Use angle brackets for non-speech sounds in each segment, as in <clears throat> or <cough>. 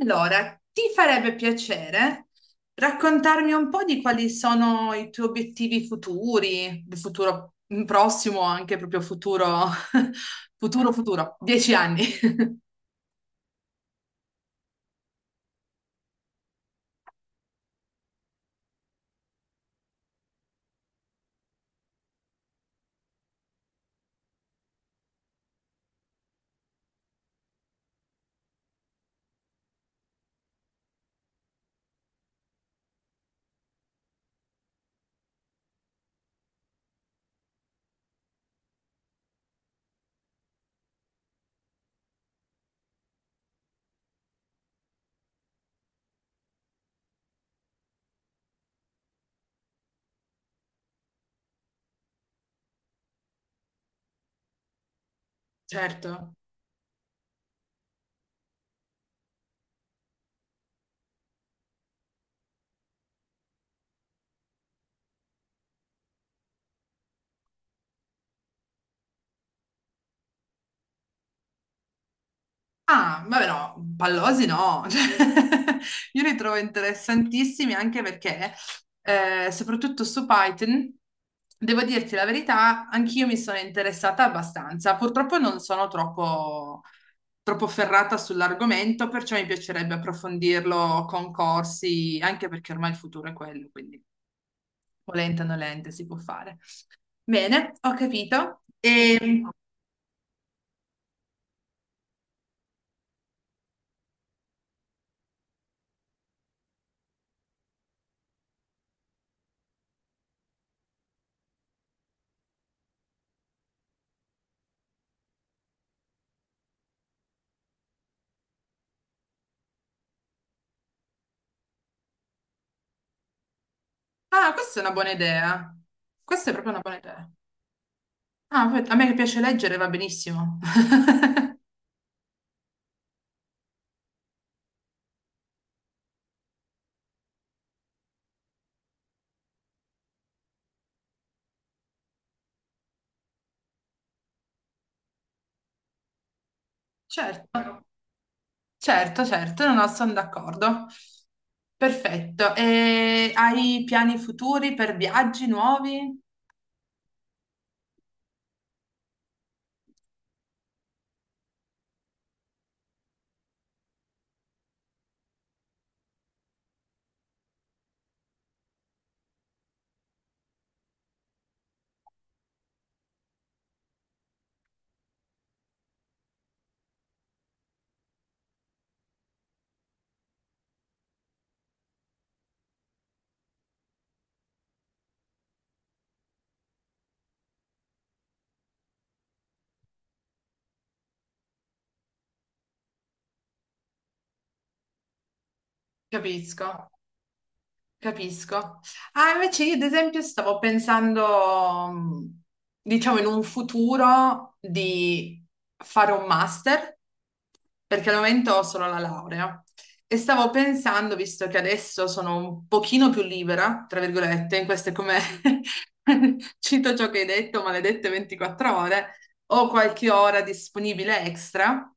Allora, ti farebbe piacere raccontarmi un po' di quali sono i tuoi obiettivi futuri, il futuro il prossimo, anche proprio futuro, <laughs> futuro, futuro, 10 anni. Certo. Ah, vabbè no, pallosi no, <laughs> cioè, io li trovo interessantissimi anche perché, soprattutto su Python, devo dirti la verità, anch'io mi sono interessata abbastanza. Purtroppo non sono troppo ferrata sull'argomento, perciò mi piacerebbe approfondirlo con corsi, anche perché ormai il futuro è quello, quindi volente o nolente si può fare. Bene, ho capito. E... Ah, questa è una buona idea. Questa è proprio una buona idea. Ah, a me che piace leggere va benissimo. <laughs> Certo, certo, certo, no, no, sono d'accordo. Perfetto. E hai piani futuri per viaggi nuovi? Capisco. Capisco. Ah, invece io ad esempio stavo pensando, diciamo, in un futuro di fare un master, perché al momento ho solo la laurea. E stavo pensando, visto che adesso sono un pochino più libera, tra virgolette, in queste come <laughs> cito ciò che hai detto, maledette 24 ore, ho qualche ora disponibile extra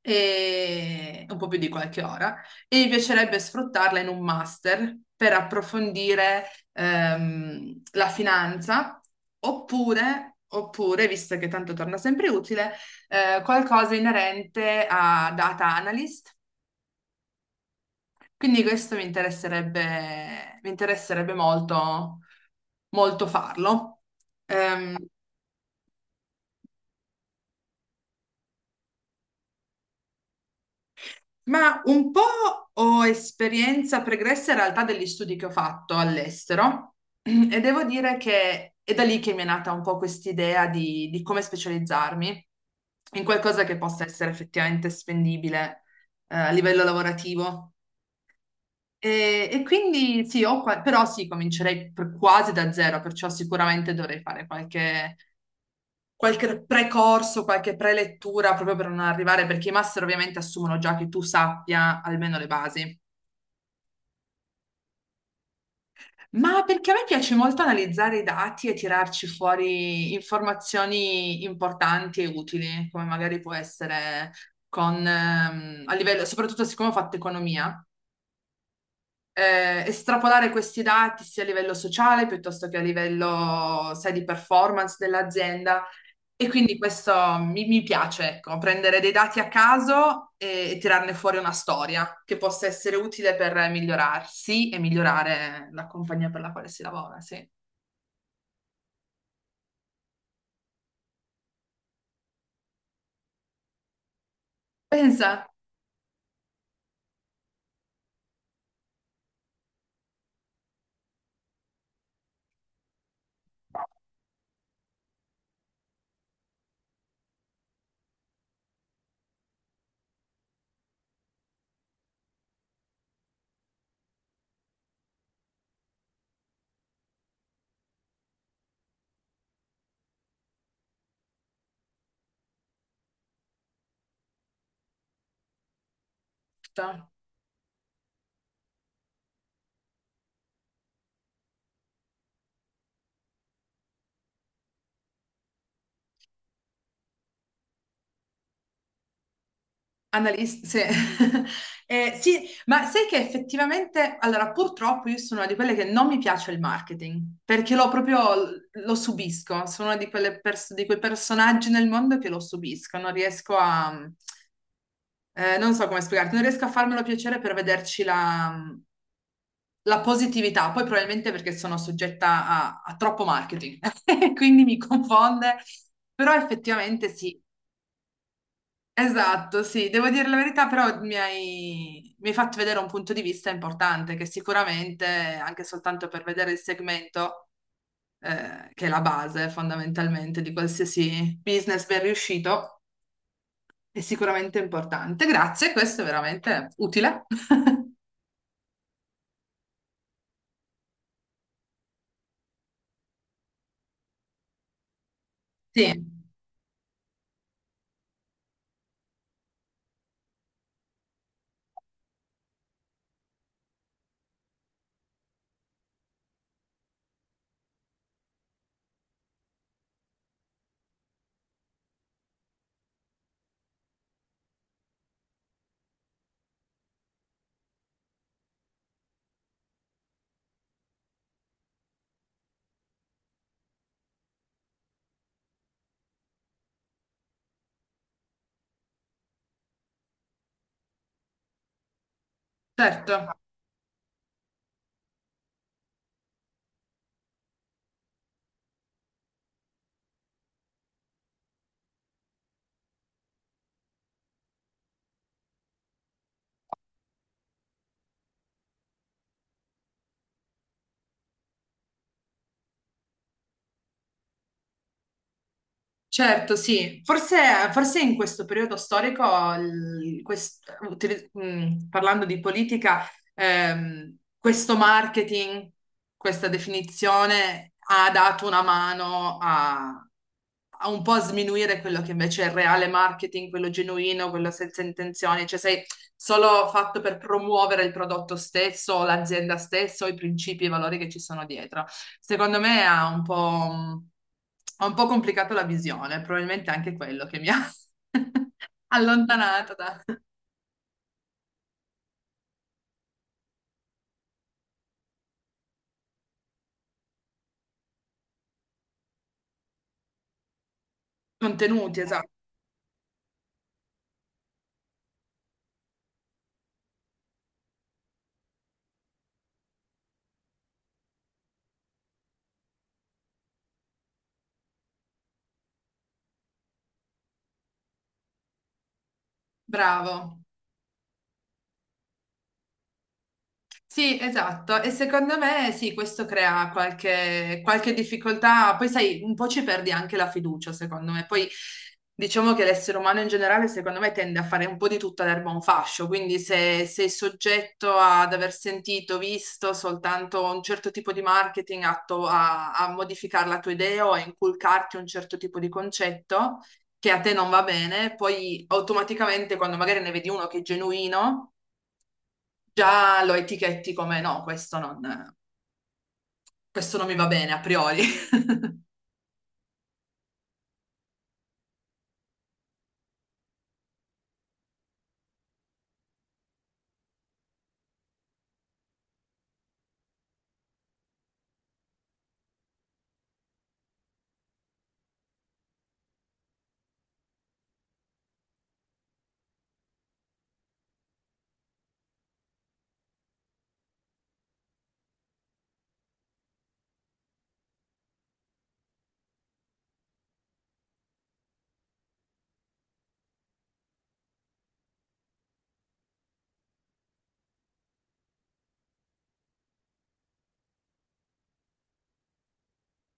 e un po' più di qualche ora, e mi piacerebbe sfruttarla in un master per approfondire la finanza, oppure, visto che tanto torna sempre utile, qualcosa inerente a data analyst. Quindi questo mi interesserebbe, molto farlo. Ehm, Ma un po' ho esperienza pregressa in realtà degli studi che ho fatto all'estero <clears throat> e devo dire che è da lì che mi è nata un po' quest'idea di come specializzarmi in qualcosa che possa essere effettivamente spendibile a livello lavorativo. E quindi sì, però sì, comincerei quasi da zero, perciò sicuramente dovrei fare qualche precorso, qualche prelettura proprio per non arrivare, perché i master ovviamente assumono già che tu sappia almeno le basi. Ma perché a me piace molto analizzare i dati e tirarci fuori informazioni importanti e utili, come magari può essere a livello, soprattutto siccome ho fatto economia, estrapolare questi dati sia a livello sociale piuttosto che a livello, sai, di performance dell'azienda. E quindi questo mi piace, ecco, prendere dei dati a caso e tirarne fuori una storia che possa essere utile per migliorarsi e migliorare la compagnia per la quale si lavora, sì. Esatto, analista, sì. <laughs> Sì, ma sai che effettivamente, allora purtroppo io sono una di quelle che non mi piace il marketing, perché lo proprio lo subisco, sono una di quelle di quei personaggi nel mondo che lo subisco, non non so come spiegarti, non riesco a farmelo piacere per la positività, poi probabilmente perché sono soggetta a troppo marketing, <laughs> quindi mi confonde, però effettivamente sì. Esatto, sì, devo dire la verità, però mi hai fatto vedere un punto di vista importante che sicuramente, anche soltanto per vedere il segmento, che è la base fondamentalmente di qualsiasi business ben riuscito, è sicuramente importante. Grazie, questo è veramente utile. <laughs> Sì, certo. Certo, sì. Forse in questo periodo storico, parlando di politica, questo marketing, questa definizione ha dato una mano a un po' sminuire quello che invece è il reale marketing, quello genuino, quello senza intenzioni. Cioè, sai, solo fatto per promuovere il prodotto stesso, l'azienda stessa, i principi e i valori che ci sono dietro. Secondo me ha un po', ha un po' complicato la visione, probabilmente anche quello che mi ha <laughs> allontanato da contenuti, esatto. Bravo. Sì, esatto, e secondo me sì, questo crea qualche difficoltà, poi sai, un po' ci perdi anche la fiducia, secondo me, poi diciamo che l'essere umano in generale, secondo me, tende a fare un po' di tutta l'erba un fascio, quindi se sei soggetto ad aver sentito, visto soltanto un certo tipo di marketing atto a modificare la tua idea o a inculcarti un certo tipo di concetto che a te non va bene, poi automaticamente quando magari ne vedi uno che è genuino già lo etichetti come no, questo non mi va bene a priori. <laughs>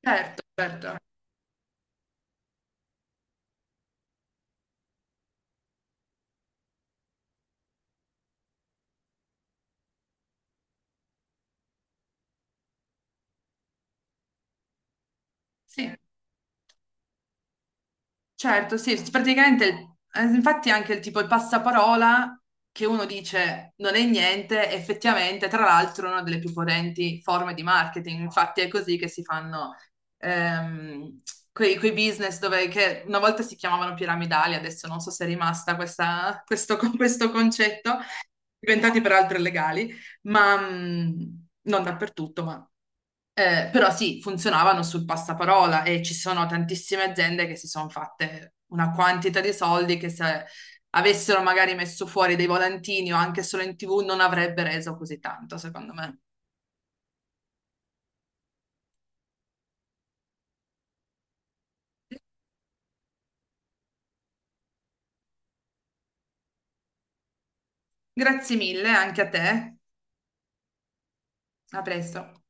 Certo, certo, sì, certo, sì, praticamente, infatti anche il tipo il passaparola che uno dice non è niente, effettivamente, tra l'altro, è una delle più potenti forme di marketing, infatti è così che si fanno ehm, quei business dove, che una volta si chiamavano piramidali, adesso non so se è rimasta questo, <laughs> questo concetto, diventati peraltro illegali, ma non dappertutto, però sì, funzionavano sul passaparola e ci sono tantissime aziende che si sono fatte una quantità di soldi che se avessero magari messo fuori dei volantini o anche solo in TV non avrebbe reso così tanto, secondo me. Grazie mille anche a te. A presto.